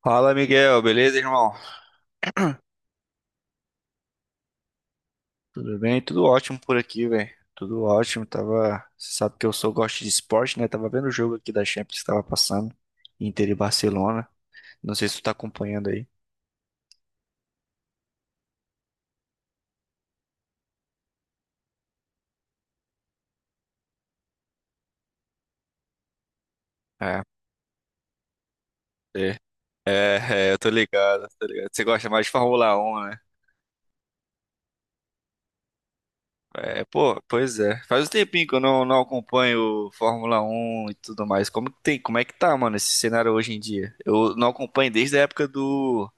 Fala, Miguel, beleza, irmão? Tudo bem? Tudo ótimo por aqui, velho. Tudo ótimo. Você sabe que eu sou gosto de esporte, né? Tava vendo o jogo aqui da Champions que tava passando, Inter e Barcelona. Não sei se tu tá acompanhando aí. É, é, é, eu tô ligado, tô ligado. Você gosta mais de Fórmula 1, né? É, pô, pois é. Faz um tempinho que eu não acompanho Fórmula 1 e tudo mais. Como é que tá, mano, esse cenário hoje em dia? Eu não acompanho desde a época do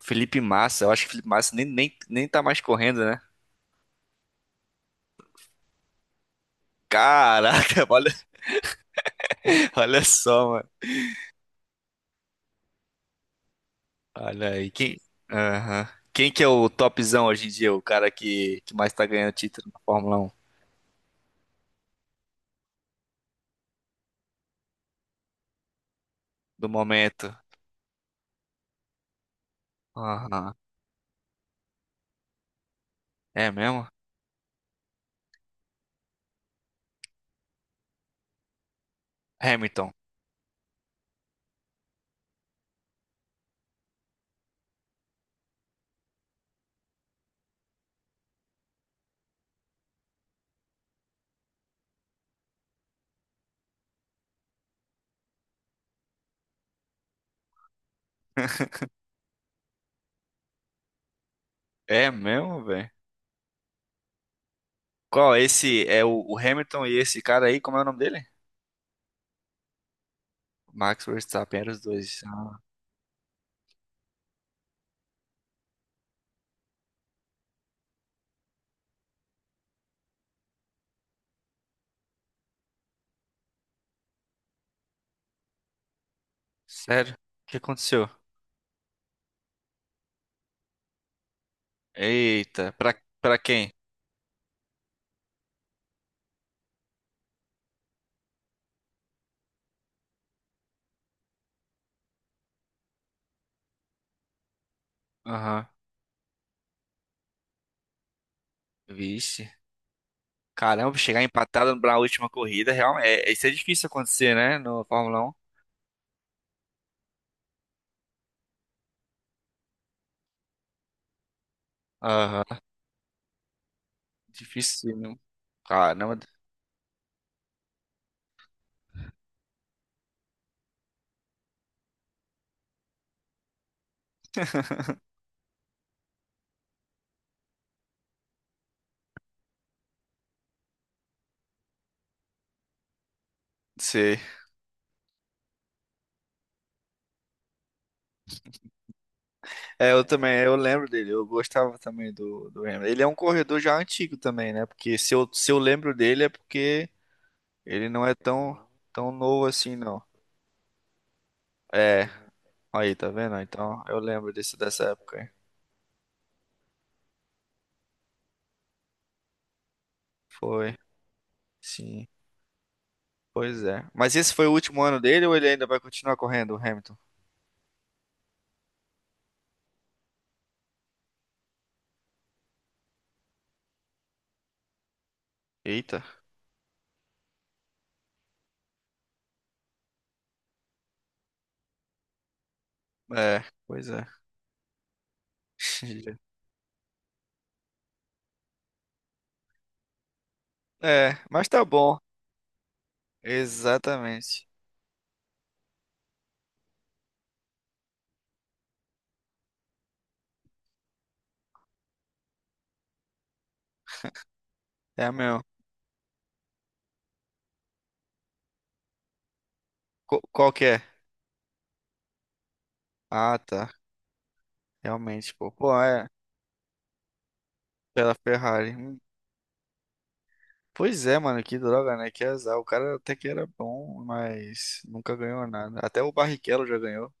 Felipe Massa. Eu acho que o Felipe Massa nem tá mais correndo, né? Caraca, olha, olha só, mano. Olha aí, quem, Aham. Quem que é o topzão hoje em dia? O cara que mais tá ganhando título na Fórmula Um do momento? Aham. É mesmo? Hamilton. É mesmo, velho? Qual? Esse é o Hamilton e esse cara aí, como é o nome dele? Max Verstappen, eram os dois. Ah, sério? O que aconteceu? Eita, pra, pra quem? Aham. Vixe. Caramba, chegar empatado na última corrida, realmente, é, isso é difícil acontecer, né, no Fórmula Um. Dificílimo. Caramba, sei. É, eu também, eu lembro dele, eu gostava também do Hamilton. Ele é um corredor já antigo também, né? Porque se eu lembro dele é porque ele não é tão novo assim, não. É, aí, tá vendo? Então, eu lembro dessa época. Aí. Foi, sim, pois é. Mas esse foi o último ano dele ou ele ainda vai continuar correndo, o Hamilton? Eita, é, pois é. É, mas tá bom. Exatamente. É mesmo. Qu- Qual que é? Ah, tá. Realmente, pô. Pô, é. Pela Ferrari. Pois é, mano, que droga, né? Que azar. O cara até que era bom, mas nunca ganhou nada. Até o Barrichello já ganhou.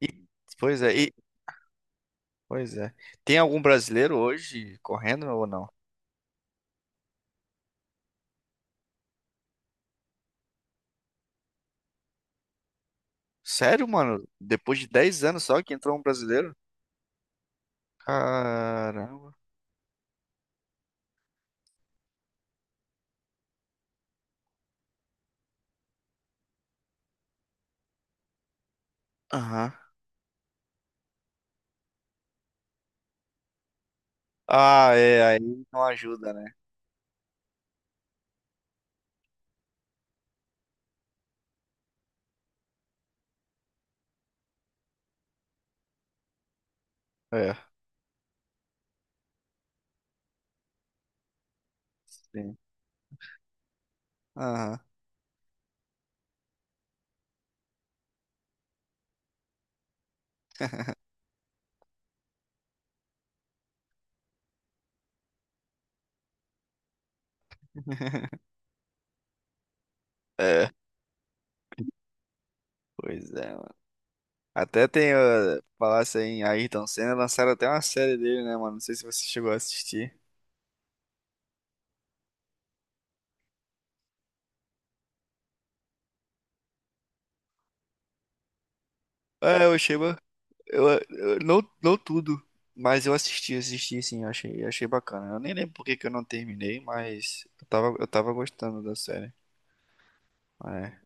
E, pois é, e, pois é. Tem algum brasileiro hoje correndo ou não? Sério, mano? Depois de 10 anos só que entrou um brasileiro? Caramba. Aham. Ah, é, aí não ajuda, né? É. Sim. Aham. É, pois é. Até tem, falasse aí em Ayrton Senna, lançaram até uma série dele, né, mano? Não sei se você chegou a assistir. É, eu achei, ba- eu- não, não tudo, mas eu assisti, assisti sim, eu achei bacana. Eu nem lembro por que que eu não terminei, mas eu tava gostando da série. É.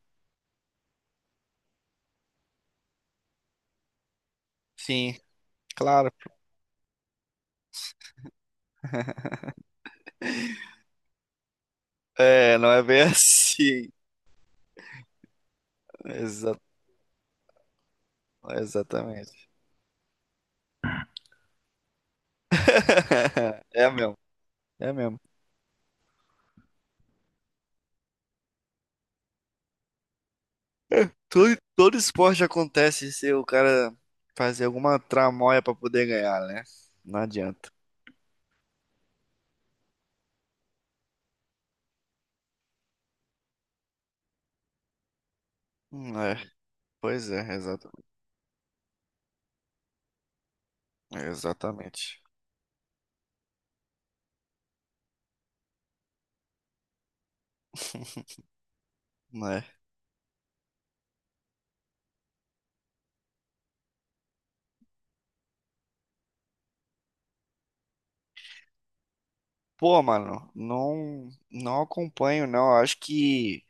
Sim, claro. É, não é bem assim. Exa- exatamente. É mesmo, é mesmo. Todo esporte acontece se o cara fazer alguma tramóia pra poder ganhar, né? Não adianta. É, pois é, exata- exatamente. Né? Pô, mano, não, não acompanho, não. Eu acho que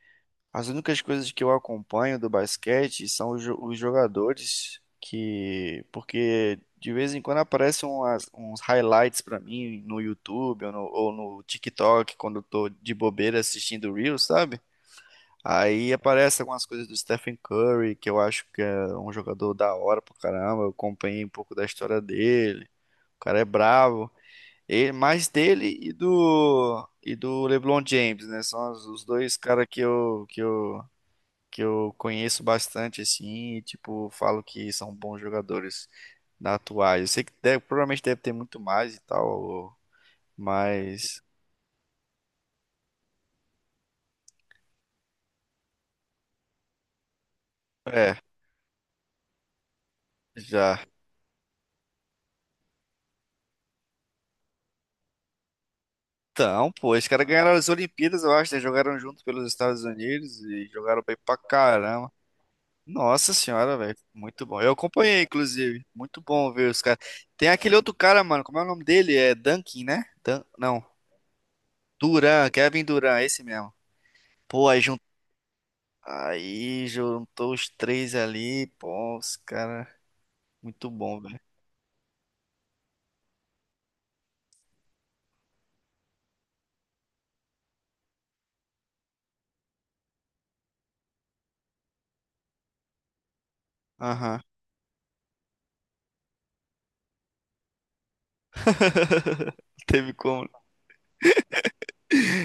as únicas coisas que eu acompanho do basquete são os jogadores que, porque de vez em quando aparecem uns highlights pra mim no YouTube ou ou no TikTok quando eu tô de bobeira assistindo Reels, sabe? Aí aparece algumas coisas do Stephen Curry, que eu acho que é um jogador da hora pra caramba. Eu acompanhei um pouco da história dele. O cara é bravo. E mais dele e do LeBron James, né? São os dois caras que eu conheço bastante assim, e, tipo, falo que são bons jogadores na atuais. Eu sei que provavelmente deve ter muito mais e tal, mas é, já então, pô, os caras ganharam as Olimpíadas, eu acho, né? Jogaram junto pelos Estados Unidos e jogaram bem pra caramba. Nossa senhora, velho, muito bom. Eu acompanhei, inclusive. Muito bom ver os caras. Tem aquele outro cara, mano, como é o nome dele? É Duncan, né? Não, Duran, Kevin Duran, esse mesmo. Pô, aí, jun... aí juntou os três ali, pô, os caras. Muito bom, velho. Aham, não teve como.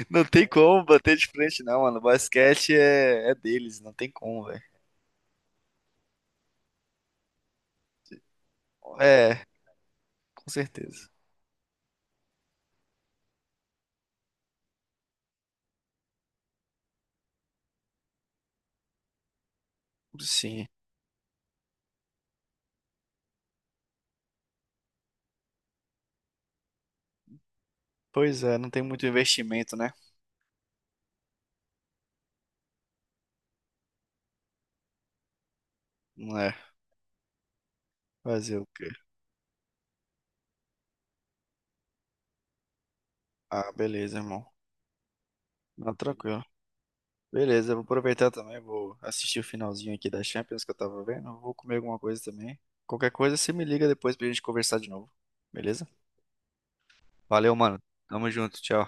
Não tem como bater de frente, não, mano. Basquete é, é deles, não tem como, velho. É, com certeza. Sim. Pois é, não tem muito investimento, né? Não é. Fazer o quê? Ah, beleza, irmão. Não, tranquilo. Beleza, eu vou aproveitar também, vou assistir o finalzinho aqui da Champions que eu tava vendo. Eu vou comer alguma coisa também. Qualquer coisa, você me liga depois pra gente conversar de novo. Beleza? Valeu, mano. Tamo junto, tchau.